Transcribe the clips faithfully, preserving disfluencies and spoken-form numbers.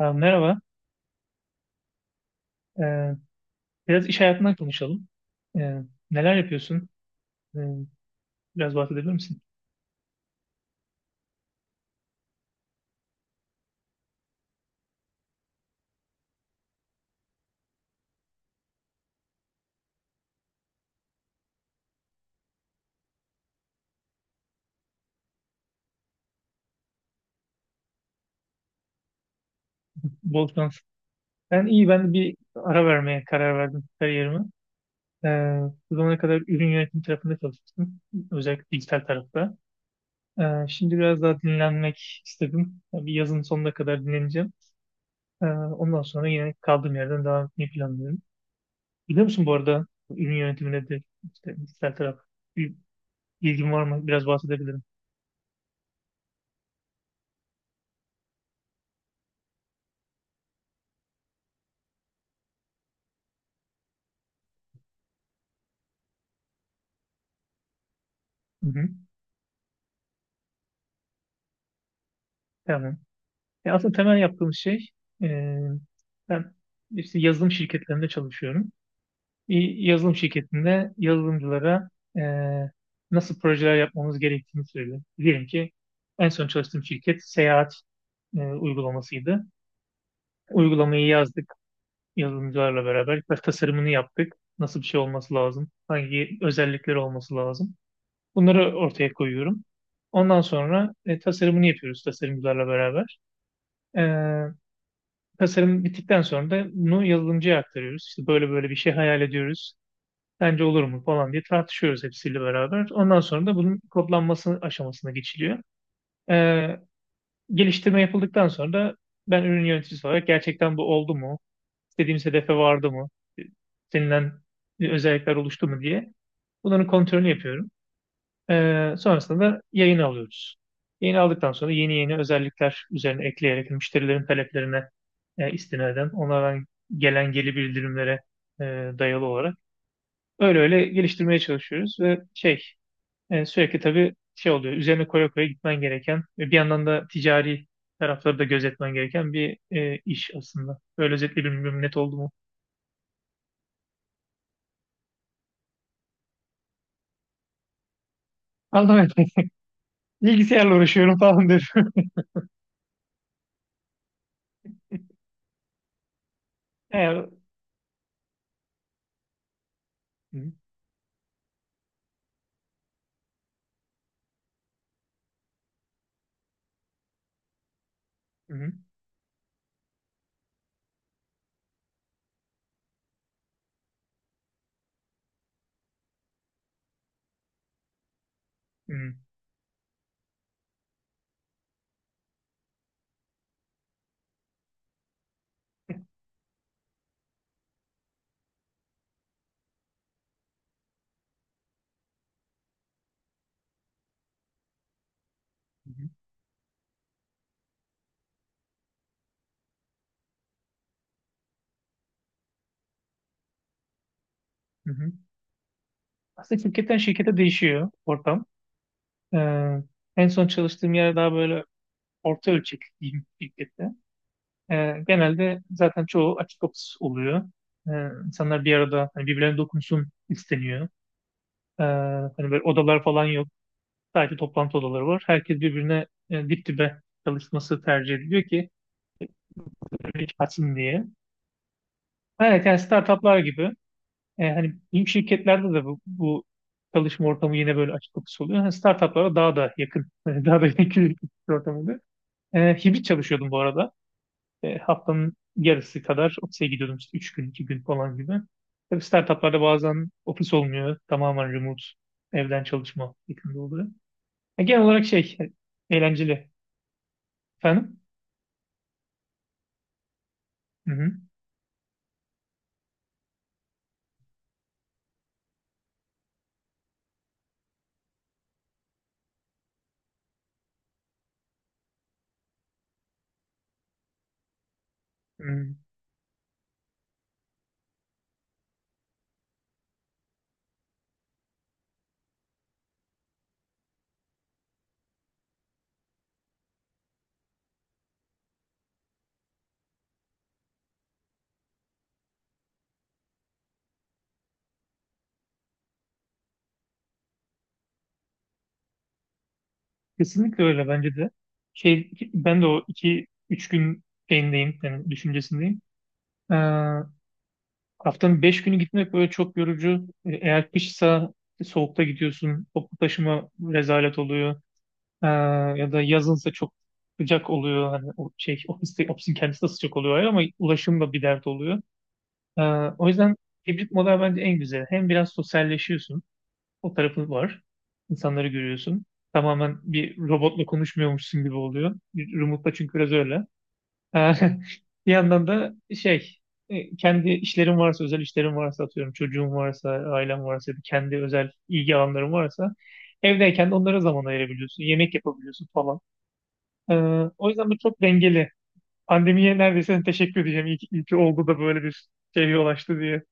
Aa, merhaba. Ee, Biraz iş hayatından konuşalım. Ee, Neler yapıyorsun? Ee, Biraz bahsedebilir misin? Bol şans. Ben iyi, ben de bir ara vermeye karar verdim kariyerime. Ee, Bu zamana kadar ürün yönetimi tarafında çalıştım. Özellikle dijital tarafta. Ee, şimdi biraz daha dinlenmek istedim. Bir yazın sonuna kadar dinleneceğim. Ee, ondan sonra yine kaldığım yerden devam etmeyi planlıyorum. Biliyor musun bu arada ürün yönetimine de işte dijital taraf bir ilgin var mı? Biraz bahsedebilirim. Hı hı. Tamam. E, aslında temel yaptığım şey, e, ben işte yazılım şirketlerinde çalışıyorum. Bir yazılım şirketinde yazılımcılara e, nasıl projeler yapmamız gerektiğini söylüyorum. Diyelim ki en son çalıştığım şirket seyahat e, uygulamasıydı. Uygulamayı yazdık yazılımcılarla beraber. Biraz tasarımını yaptık. Nasıl bir şey olması lazım? Hangi özellikleri olması lazım? Bunları ortaya koyuyorum. Ondan sonra e, tasarımını yapıyoruz tasarımcılarla beraber. E, Tasarım bittikten sonra da bunu yazılımcıya aktarıyoruz. İşte böyle böyle bir şey hayal ediyoruz. Bence olur mu falan diye tartışıyoruz hepsiyle beraber. Ondan sonra da bunun kodlanması aşamasına geçiliyor. Ee, Geliştirme yapıldıktan sonra da ben ürün yöneticisi olarak gerçekten bu oldu mu? İstediğimiz hedefe vardı mı? İstenilen özellikler oluştu mu diye bunların kontrolünü yapıyorum. Ee, sonrasında da yayın alıyoruz. Yayın aldıktan sonra yeni yeni özellikler üzerine ekleyerek müşterilerin taleplerine e, istinaden onlardan gelen geri bildirimlere e, dayalı olarak öyle öyle geliştirmeye çalışıyoruz ve şey, e, sürekli tabii şey oluyor, üzerine koya koya gitmen gereken ve bir yandan da ticari tarafları da gözetmen gereken bir e, iş aslında. Böyle özetle bilmiyorum, net oldu mu? Anlamadım. Bilgisayarla uğraşıyorum falan diyorum. Yani, hı, hı, hı, hı, hı, hı, hı hı. Aslında şirketten şirkete değişiyor ortam. Ee, En son çalıştığım yer daha böyle orta ölçekli diyeyim, şirkette. Ee, genelde zaten çoğu açık ofis oluyor. Ee, insanlar bir arada, hani birbirlerine dokunsun isteniyor. Ee, Hani böyle odalar falan yok. Sadece toplantı odaları var. Herkes birbirine e, dip dibe çalışması tercih ediliyor ki hiç kaçsın diye. Evet yani startuplar gibi. E, hani büyük şirketlerde de bu, bu çalışma ortamı yine böyle açık ofis oluyor. Hani startuplara daha da yakın, daha da yakın bir ortam oluyor. E, hibrit çalışıyordum bu arada. E, haftanın yarısı kadar ofise gidiyordum, işte üç gün, iki gün falan gibi. Tabii startuplarda bazen ofis olmuyor. Tamamen remote, evden çalışma şeklinde oluyor. E, genel olarak şey, e, eğlenceli. Efendim? Hı hı. Hı. Kesinlikle öyle bence de. Şey, ben de o iki üç gün şeyindeyim, yani düşüncesindeyim. Ee, Haftanın beş günü gitmek böyle çok yorucu. E, Eğer kışsa soğukta gidiyorsun, toplu taşıma rezalet oluyor. Ee, Ya da yazınsa çok sıcak oluyor. Hani o şey ofiste, ofisin kendisi de sıcak oluyor ama ulaşım da bir dert oluyor. Ee, O yüzden hibrit model bence en güzel. Hem biraz sosyalleşiyorsun, o tarafı var. İnsanları görüyorsun. Tamamen bir robotla konuşmuyormuşsun gibi oluyor. Bir Remote'da çünkü biraz öyle. Ee, Bir yandan da şey, e, kendi işlerim varsa, özel işlerim varsa, atıyorum çocuğum varsa, ailem varsa ya da kendi özel ilgi alanlarım varsa evdeyken de onlara zaman ayırabiliyorsun, yemek yapabiliyorsun falan. Ee, O yüzden bu çok dengeli. Pandemiye neredeyse teşekkür edeceğim, iyi ki, iyi ki oldu da böyle bir şey yol açtı diye.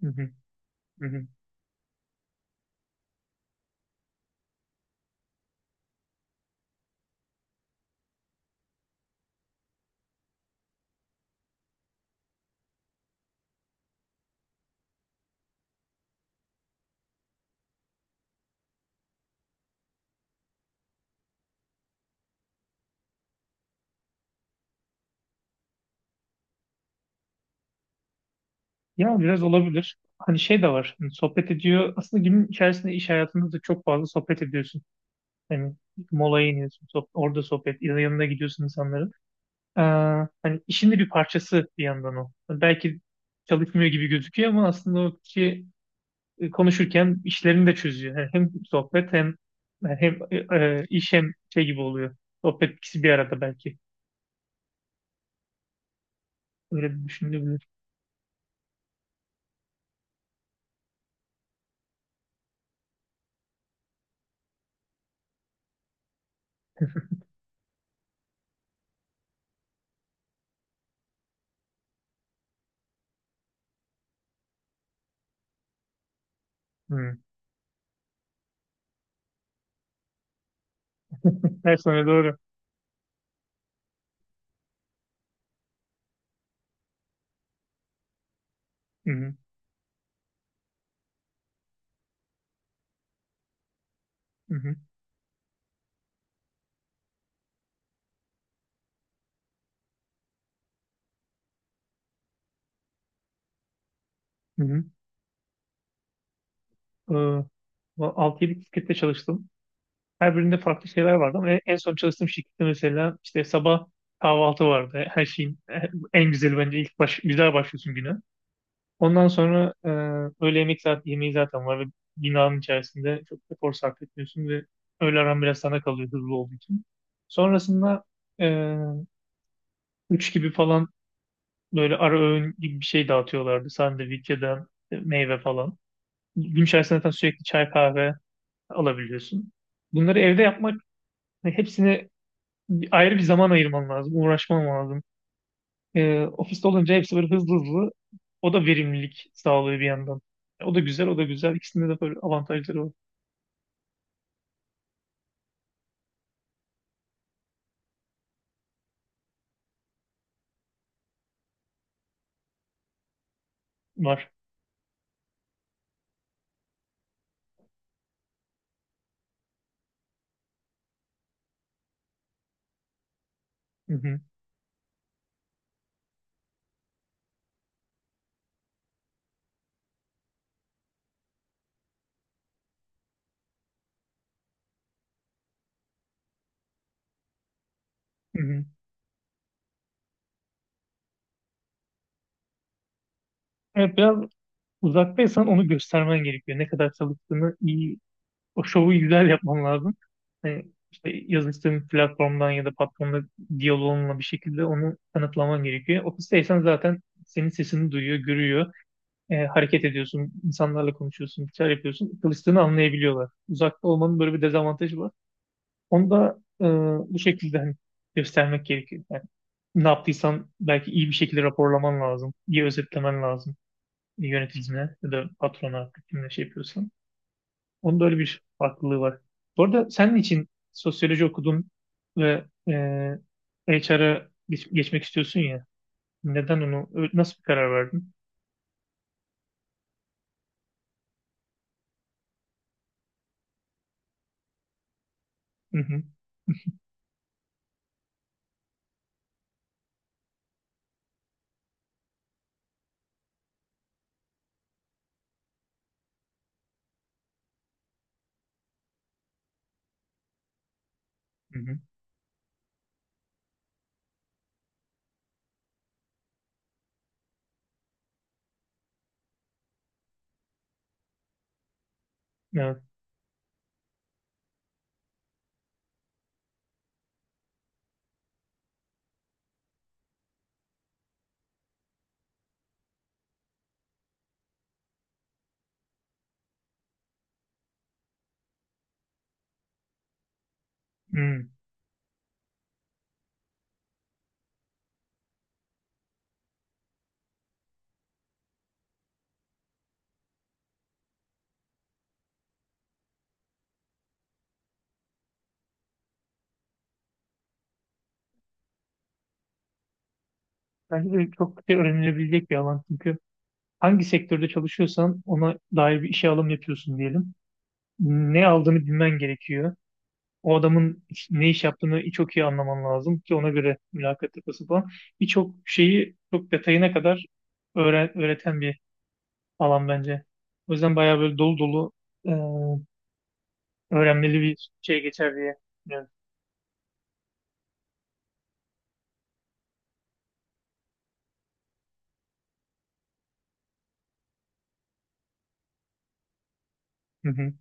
Hı hı, hı hı. Ya biraz olabilir. Hani şey de var. Hani sohbet ediyor. Aslında günün içerisinde iş hayatında da çok fazla sohbet ediyorsun. Hani molaya iniyorsun. Sohb- orada sohbet. Yanına gidiyorsun insanların. Ee, Hani işin de bir parçası bir yandan o. Hani belki çalışmıyor gibi gözüküyor ama aslında o kişi e, konuşurken işlerini de çözüyor. Yani hem sohbet hem yani hem e, e, iş hem şey gibi oluyor. Sohbet ikisi bir arada belki. Öyle bir düşünülebilir. Hı. Her sene doğru. Hı hı. Hı hı. Hı hı. Ee, Bu altı yedi şirkette çalıştım. Her birinde farklı şeyler vardı ama en en son çalıştığım şirkette mesela işte sabah kahvaltı vardı. Her şeyin e, en güzeli bence ilk baş, güzel başlıyorsun güne. Ondan sonra e, öğle yemek saat, yemeği zaten var ve binanın içerisinde çok efor sarf etmiyorsun ve öğle aran biraz sana kalıyor hızlı olduğu için. Sonrasında e, üç gibi falan böyle ara öğün gibi bir şey dağıtıyorlardı. Sandviç ya da meyve falan. Gün içerisinde zaten sürekli çay kahve alabiliyorsun. Bunları evde yapmak, hepsini ayrı bir zaman ayırman lazım, uğraşman lazım. Ee, ofiste olunca hepsi böyle hızlı hızlı. O da verimlilik sağlıyor bir yandan. E, O da güzel, o da güzel. İkisinde de böyle avantajları var. Hı hı, hı hı. Evet, biraz uzaktaysan onu göstermen gerekiyor. Ne kadar çalıştığını iyi, o şovu güzel yapman lazım. Hani işte yazıştığın platformdan ya da patronla diyaloğunla bir şekilde onu kanıtlaman gerekiyor. Ofisteysen zaten senin sesini duyuyor, görüyor. Ee, hareket ediyorsun, insanlarla konuşuyorsun, bir şeyler yapıyorsun. Çalıştığını anlayabiliyorlar. Uzakta olmanın böyle bir dezavantajı var. Onu da e, bu şekilde hani göstermek gerekiyor. Yani ne yaptıysan belki iyi bir şekilde raporlaman lazım. İyi özetlemen lazım yöneticine ya da patrona, artık kimle şey yapıyorsan. Onun da öyle bir farklılığı var. Bu arada senin için sosyoloji okudun ve e, H R'a geç- geçmek istiyorsun ya. Neden onu, ö- nasıl bir karar verdin? Hı hı, hı hı. Evet. Hı. Bence de çok şey öğrenilebilecek bir alan çünkü hangi sektörde çalışıyorsan ona dair bir işe alım yapıyorsun diyelim. Ne aldığını bilmen gerekiyor. O adamın iş- ne iş yaptığını çok iyi anlaman lazım ki ona göre mülakat yapası falan. Birçok şeyi çok detayına kadar öğren- öğreten bir alan bence. O yüzden bayağı böyle dolu dolu e, öğrenmeli bir şey geçer diye düşünüyorum. Hı hı.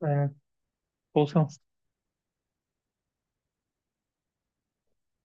Aynen. Bol şans.